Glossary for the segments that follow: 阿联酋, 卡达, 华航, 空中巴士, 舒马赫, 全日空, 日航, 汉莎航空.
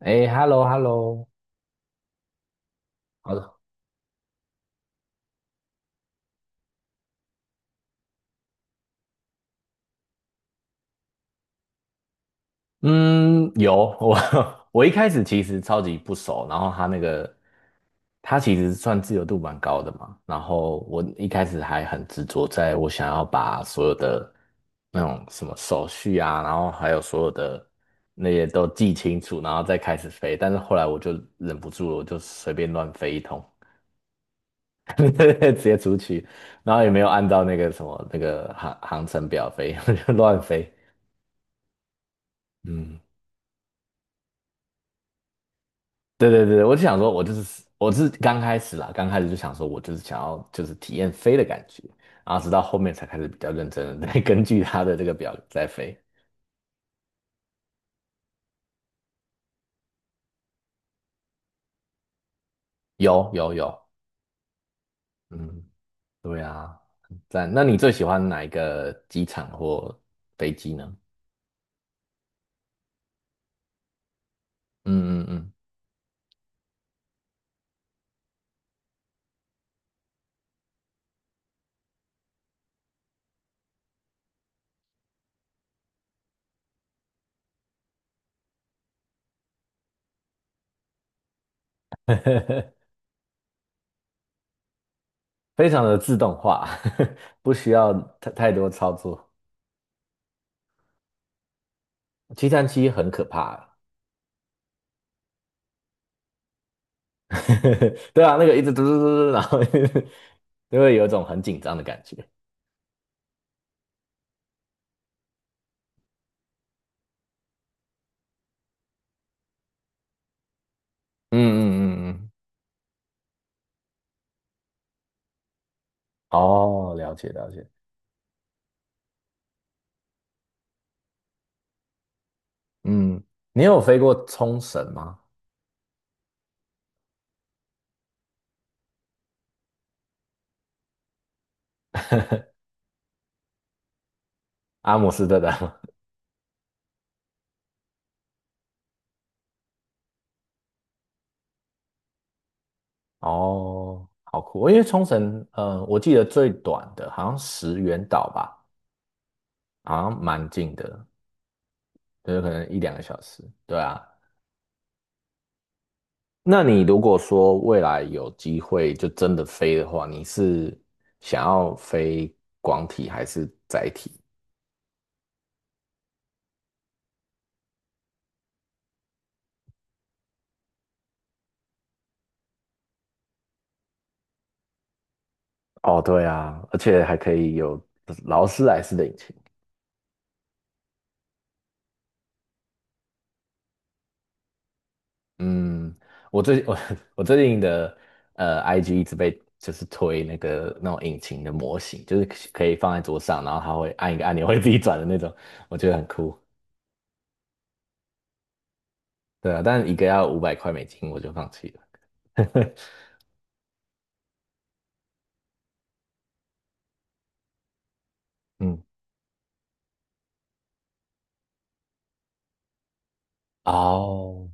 哎，hello hello，好的，嗯，有。我 我一开始其实超级不熟，然后他那个他其实算自由度蛮高的嘛，然后我一开始还很执着，在我想要把所有的那种什么手续啊，然后还有所有的那些都记清楚，然后再开始飞，但是后来我就忍不住了，我就随便乱飞一通，直接出去，然后也没有按照那个什么那个航程表飞，我就乱飞，嗯。对对对，我就想说，我是刚开始啦，刚开始就想说我就是想要就是体验飞的感觉，然后直到后面才开始比较认真的 根据他的这个表在飞。有有有，嗯，对啊，很赞。那你最喜欢哪一个机场或飞机呢？嗯嗯嗯，非常的自动化，不需要太多操作。七三七很可怕啊，对啊，那个一直嘟嘟嘟嘟，然后 就会有一种很紧张的感觉。嗯嗯嗯嗯，哦，了解了解。嗯嗯，你有飞过冲绳吗？阿姆斯特丹吗？ 哦，好酷哦！因为冲绳，我记得最短的好像石垣岛吧，好像蛮近的，就是可能一两个小时。对啊，那你如果说未来有机会就真的飞的话，你是想要飞广体还是载体？哦，对啊，而且还可以有劳斯莱斯的引擎。嗯，我最我 我最近的IG 一直被就是推那个那种引擎的模型，就是可以放在桌上，然后它会按一个按钮 会自己转的那种，我觉得很酷。对啊，但一个要500块美金，我就放弃了。嗯，哦，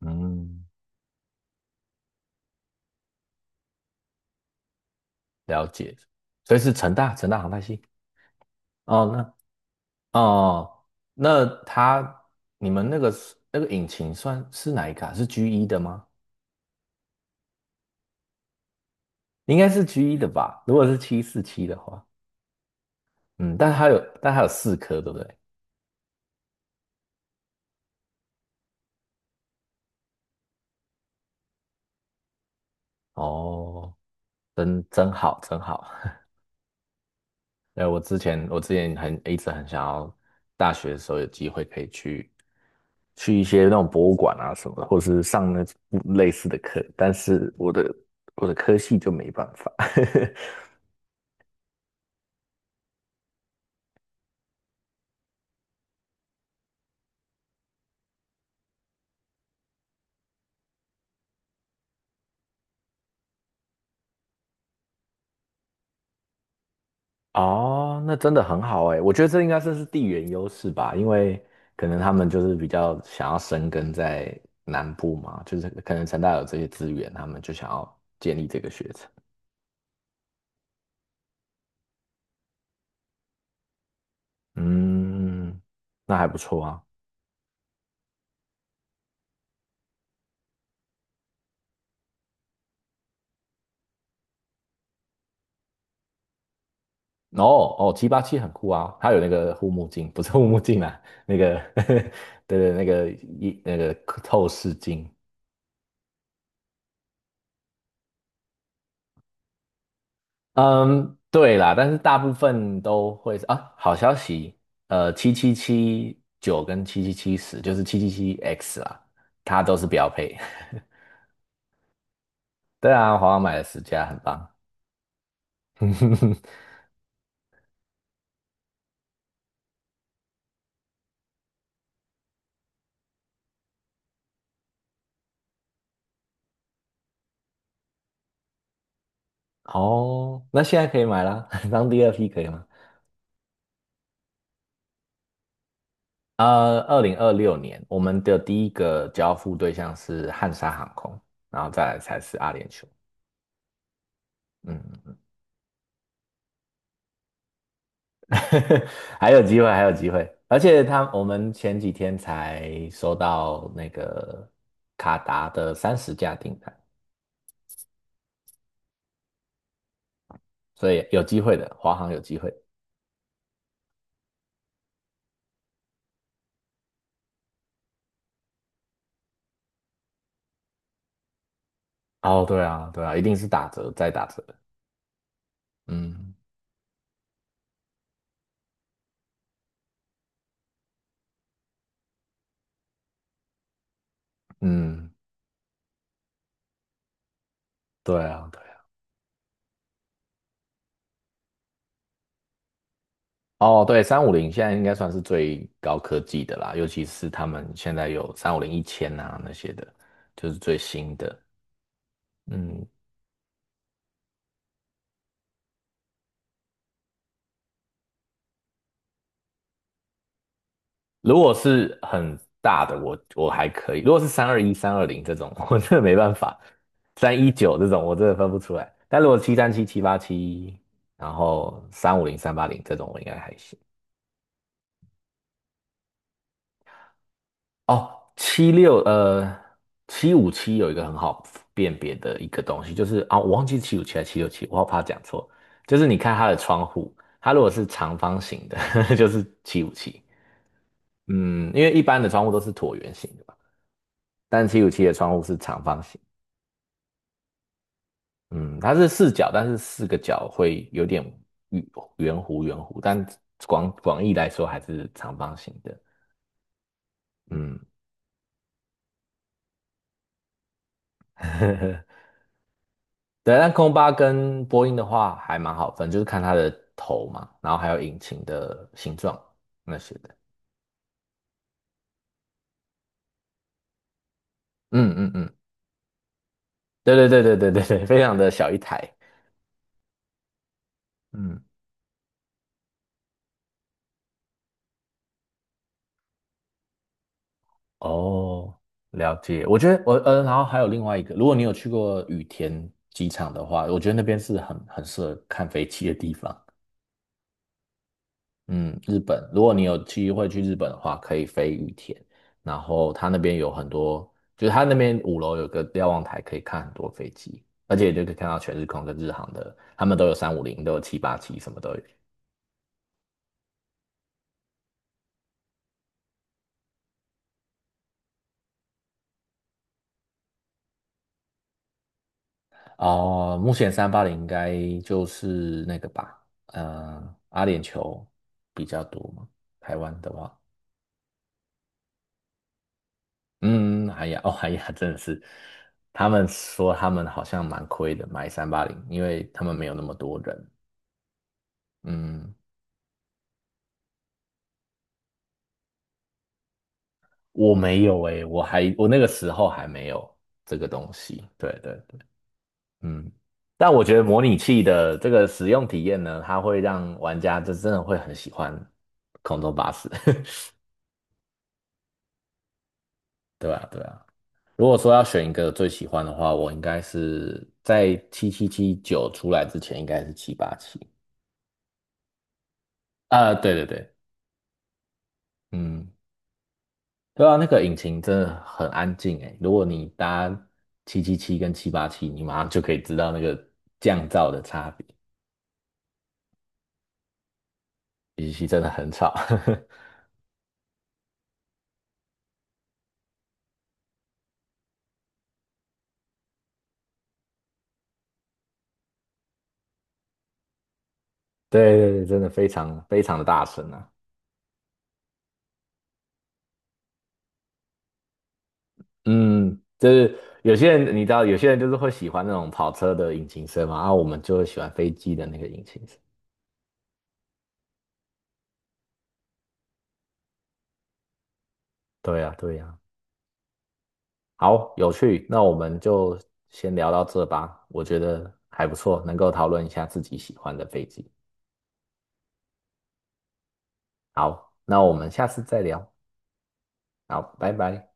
嗯，了解。所以是成大航太系。哦，那哦，那它你们那个是那个引擎算是哪一卡？是 G 一的吗？应该是 G 一的吧？如果是七四七的话。嗯，但它有四颗，对不对？哦，真好，真好。哎，我之前一直很想要，大学的时候有机会可以去一些那种博物馆啊什么的，或是上那类似的课，但是我的科系就没办法。哦，那真的很好哎，我觉得这应该算是地缘优势吧，因为可能他们就是比较想要生根在南部嘛，就是可能成大有这些资源，他们就想要建立这个学程。嗯，那还不错啊。哦哦，七八七很酷啊，它有那个护目镜，不是护目镜啊，那个 对对，那个一那个透视镜。嗯，对啦，但是大部分都会是啊。好消息，七七七九跟七七七十就是七七七 X 啦，它都是标配。对啊，华为买了10家，很棒。哦，那现在可以买啦，当第二批可以吗？2026年，我们的第一个交付对象是汉莎航空，然后再来才是阿联酋。嗯，还有机会，还有机会。而且他，我们前几天才收到那个卡达的30架订单，所以有机会的，华航有机会。哦，对啊，对啊，一定是打折再打折。嗯嗯，对啊。对。哦，对，三五零现在应该算是最高科技的啦，尤其是他们现在有三五零一千啊那些的，就是最新的。嗯，如果是很大的，我还可以；如果是三二一、三二零这种，我真的没办法；三一九这种，我真的分不出来。但如果七三七、七八七，然后三五零、三八零这种，我应该还行。哦，七五七有一个很好辨别的一个东西，就是啊、我忘记七五七还是七六七，我好怕讲错。就是你看它的窗户，它如果是长方形的，就是七五七。嗯，因为一般的窗户都是椭圆形的嘛，但七五七的窗户是长方形。嗯，它是四角，但是四个角会有点圆圆弧，但广义来说还是长方形的。嗯，对，但空巴跟波音的话还蛮好分，就是看它的头嘛，然后还有引擎的形状那些的。嗯嗯嗯，对对对对对对对，非常的小一台。嗯，哦，了解。我觉得，然后还有另外一个，如果你有去过羽田机场的话，我觉得那边是很适合看飞机的地方。嗯，日本，如果你有机会去日本的话，可以飞羽田，然后他那边有很多，就是他那边五楼有个瞭望台，可以看很多飞机，而且就可以看到全日空跟日航的，他们都有三五零，都有七八七，什么都有。哦、目前三八零应该就是那个吧，阿联酋比较多嘛，台湾的话，嗯，哎呀，哦，哎呀，真的是，他们说他们好像蛮亏的，买三八零，因为他们没有那么多人，嗯。我没有诶、我那个时候还没有这个东西。对对对，嗯。但我觉得模拟器的这个使用体验呢，它会让玩家就真的会很喜欢空中巴士。对啊，对啊。如果说要选一个最喜欢的话，我应该是在七七七九出来之前，应该是七八七。啊，对对对，嗯，对啊，那个引擎真的很安静诶。如果你搭七七七跟七八七，你马上就可以知道那个降噪的差别。语气真的很吵，对对对，真的非常非常的大声啊。嗯，就是有些人你知道，有些人就是会喜欢那种跑车的引擎声嘛，啊，我们就会喜欢飞机的那个引擎声。对呀，对呀。好，有趣，那我们就先聊到这吧，我觉得还不错，能够讨论一下自己喜欢的飞机。好，那我们下次再聊。好，拜拜。